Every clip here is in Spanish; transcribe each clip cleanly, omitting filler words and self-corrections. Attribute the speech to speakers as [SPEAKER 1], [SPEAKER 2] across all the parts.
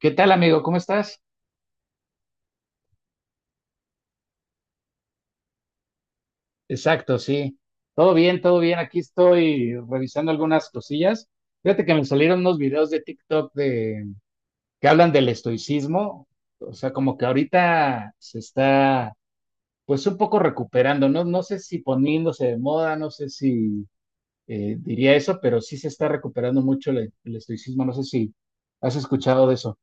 [SPEAKER 1] ¿Qué tal, amigo? ¿Cómo estás? Exacto, sí. Todo bien, todo bien. Aquí estoy revisando algunas cosillas. Fíjate que me salieron unos videos de TikTok de que hablan del estoicismo. O sea, como que ahorita se está, pues, un poco recuperando. No, no sé si poniéndose de moda, no sé si diría eso, pero sí se está recuperando mucho el estoicismo. No sé si has escuchado de eso.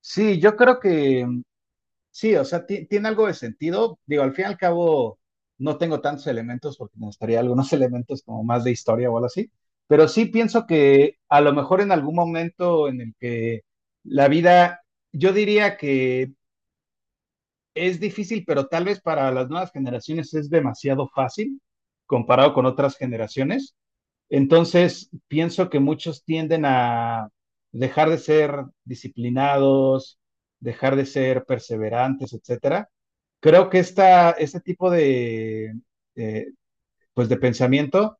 [SPEAKER 1] Sí, yo creo que sí. O sea, tiene algo de sentido. Digo, al fin y al cabo, no tengo tantos elementos porque me gustaría algunos elementos como más de historia o algo así. Pero sí pienso que a lo mejor en algún momento en el que la vida, yo diría que es difícil, pero tal vez para las nuevas generaciones es demasiado fácil comparado con otras generaciones. Entonces, pienso que muchos tienden a dejar de ser disciplinados, dejar de ser perseverantes, etcétera. Creo que este tipo de, eh, pues, de pensamiento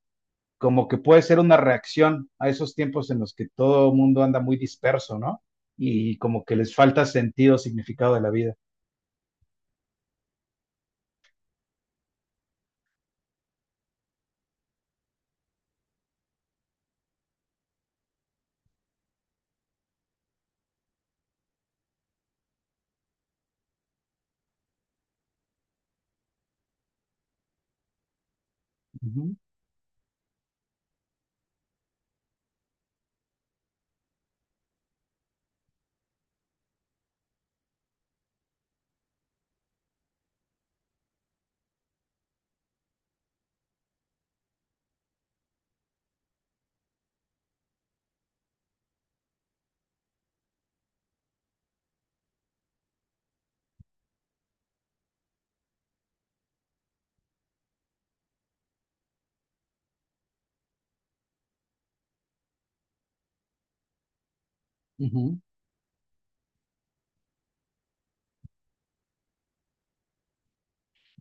[SPEAKER 1] como que puede ser una reacción a esos tiempos en los que todo mundo anda muy disperso, ¿no? Y como que les falta sentido, significado de la vida. Ujú, ujú.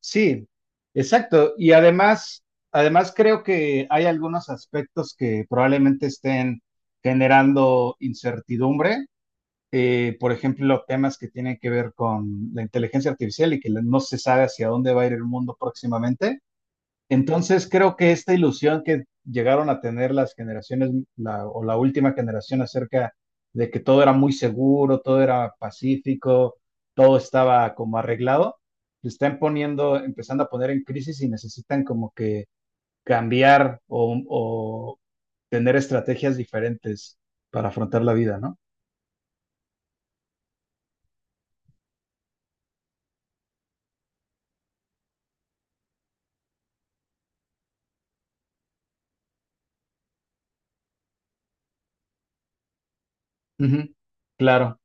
[SPEAKER 1] Sí, exacto. Y además, además creo que hay algunos aspectos que probablemente estén generando incertidumbre. Por ejemplo, temas que tienen que ver con la inteligencia artificial y que no se sabe hacia dónde va a ir el mundo próximamente. Entonces creo que esta ilusión que llegaron a tener las generaciones, o la última generación, acerca de que todo era muy seguro, todo era pacífico, todo estaba como arreglado, se están poniendo, empezando a poner en crisis y necesitan como que cambiar o tener estrategias diferentes para afrontar la vida, ¿no? Ujú. Claro.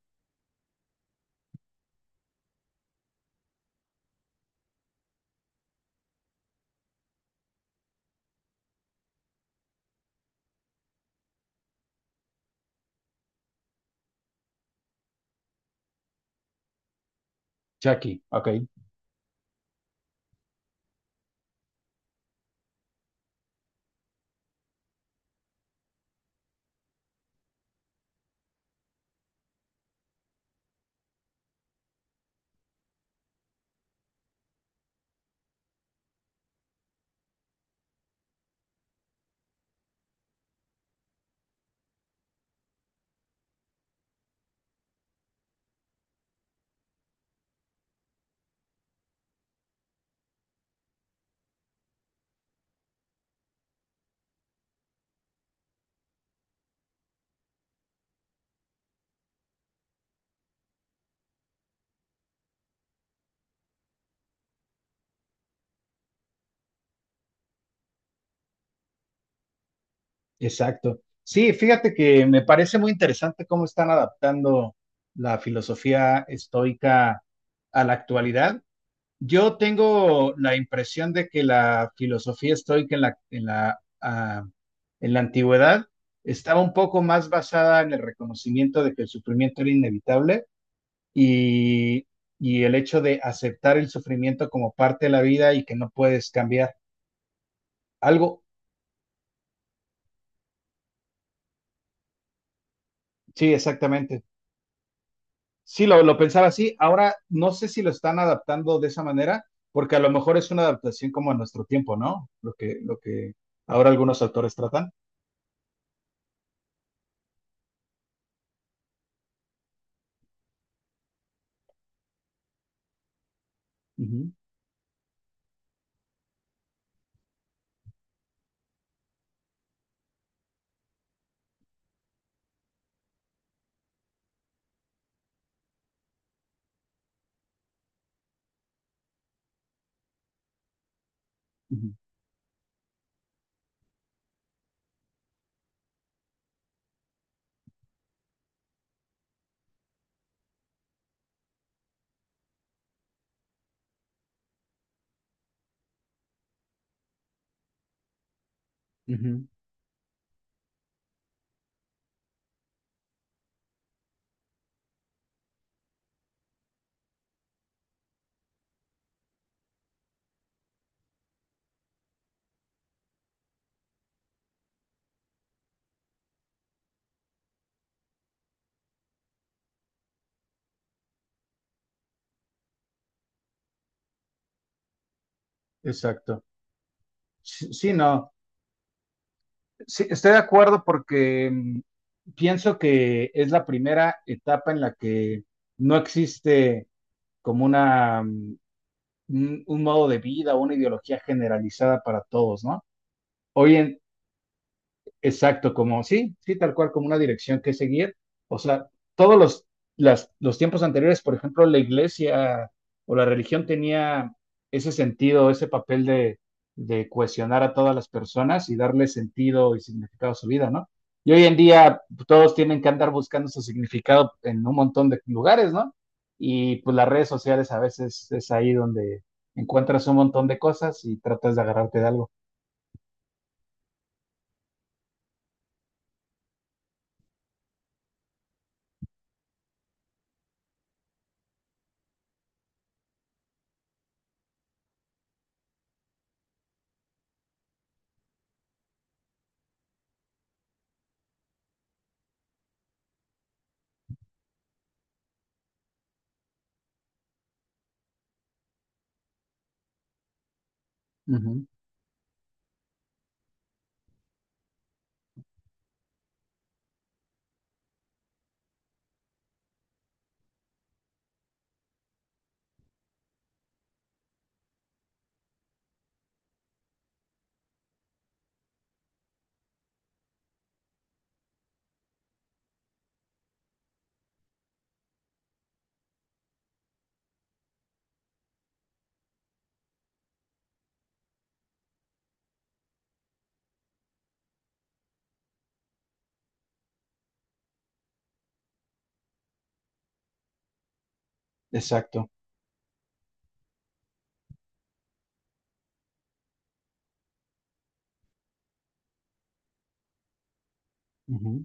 [SPEAKER 1] Chucky, ok. Exacto. Sí, fíjate que me parece muy interesante cómo están adaptando la filosofía estoica a la actualidad. Yo tengo la impresión de que la filosofía estoica en la antigüedad estaba un poco más basada en el reconocimiento de que el sufrimiento era inevitable y, y el hecho de aceptar el sufrimiento como parte de la vida y que no puedes cambiar algo. Sí, exactamente. Sí, lo pensaba así. Ahora no sé si lo están adaptando de esa manera, porque a lo mejor es una adaptación como a nuestro tiempo, ¿no? Lo que ahora algunos autores tratan. Ujú, ujú, ujú. Exacto. Sí, sí, no. Sí, estoy de acuerdo porque pienso que es la primera etapa en la que no existe como una, un modo de vida o una ideología generalizada para todos, ¿no? Hoy en, exacto, como sí, sí, tal cual, como una dirección que seguir. O sea, todos los, los tiempos anteriores, por ejemplo, la iglesia o la religión tenía ese sentido, ese papel de cohesionar a todas las personas y darle sentido y significado a su vida, ¿no? Y hoy en día, pues, todos tienen que andar buscando su significado en un montón de lugares, ¿no? Y pues las redes sociales a veces es ahí donde encuentras un montón de cosas y tratas de agarrarte de algo. Ujú. Exacto. Ujú.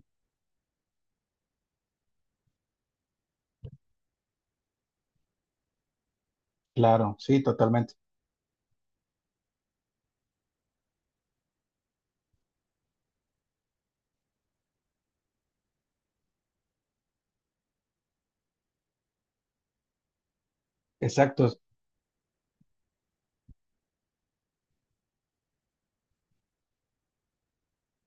[SPEAKER 1] Claro, sí, totalmente. Exacto.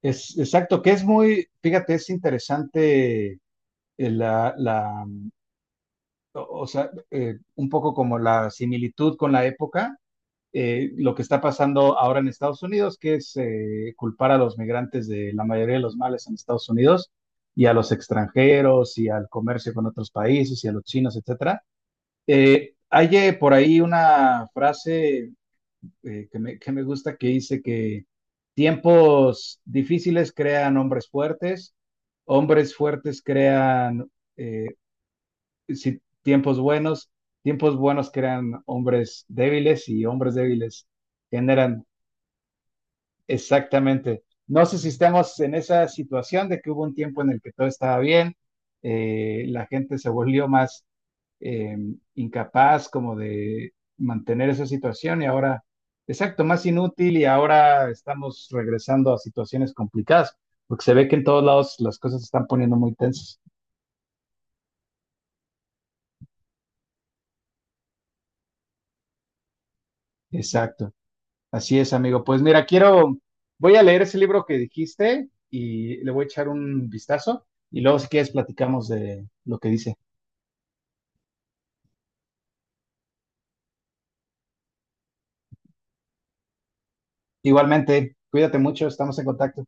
[SPEAKER 1] Es, exacto, que es muy, fíjate, es interesante, eh, la, la, o sea, un poco como la similitud con la época, lo que está pasando ahora en Estados Unidos, que es, culpar a los migrantes de la mayoría de los males en Estados Unidos y a los extranjeros y al comercio con otros países y a los chinos, etcétera. Hay por ahí una frase, que me gusta, que dice que tiempos difíciles crean hombres fuertes crean, eh, si- tiempos buenos, tiempos buenos crean hombres débiles y hombres débiles generan... Exactamente. No sé si estamos en esa situación de que hubo un tiempo en el que todo estaba bien, la gente se volvió más eh, incapaz como de mantener esa situación y ahora, exacto, más inútil, y ahora estamos regresando a situaciones complicadas, porque se ve que en todos lados las cosas se están poniendo muy tensas. Exacto. Así es, amigo. Pues mira, quiero, voy a leer ese libro que dijiste y le voy a echar un vistazo y luego, si quieres, platicamos de lo que dice. Igualmente, cuídate mucho, estamos en contacto.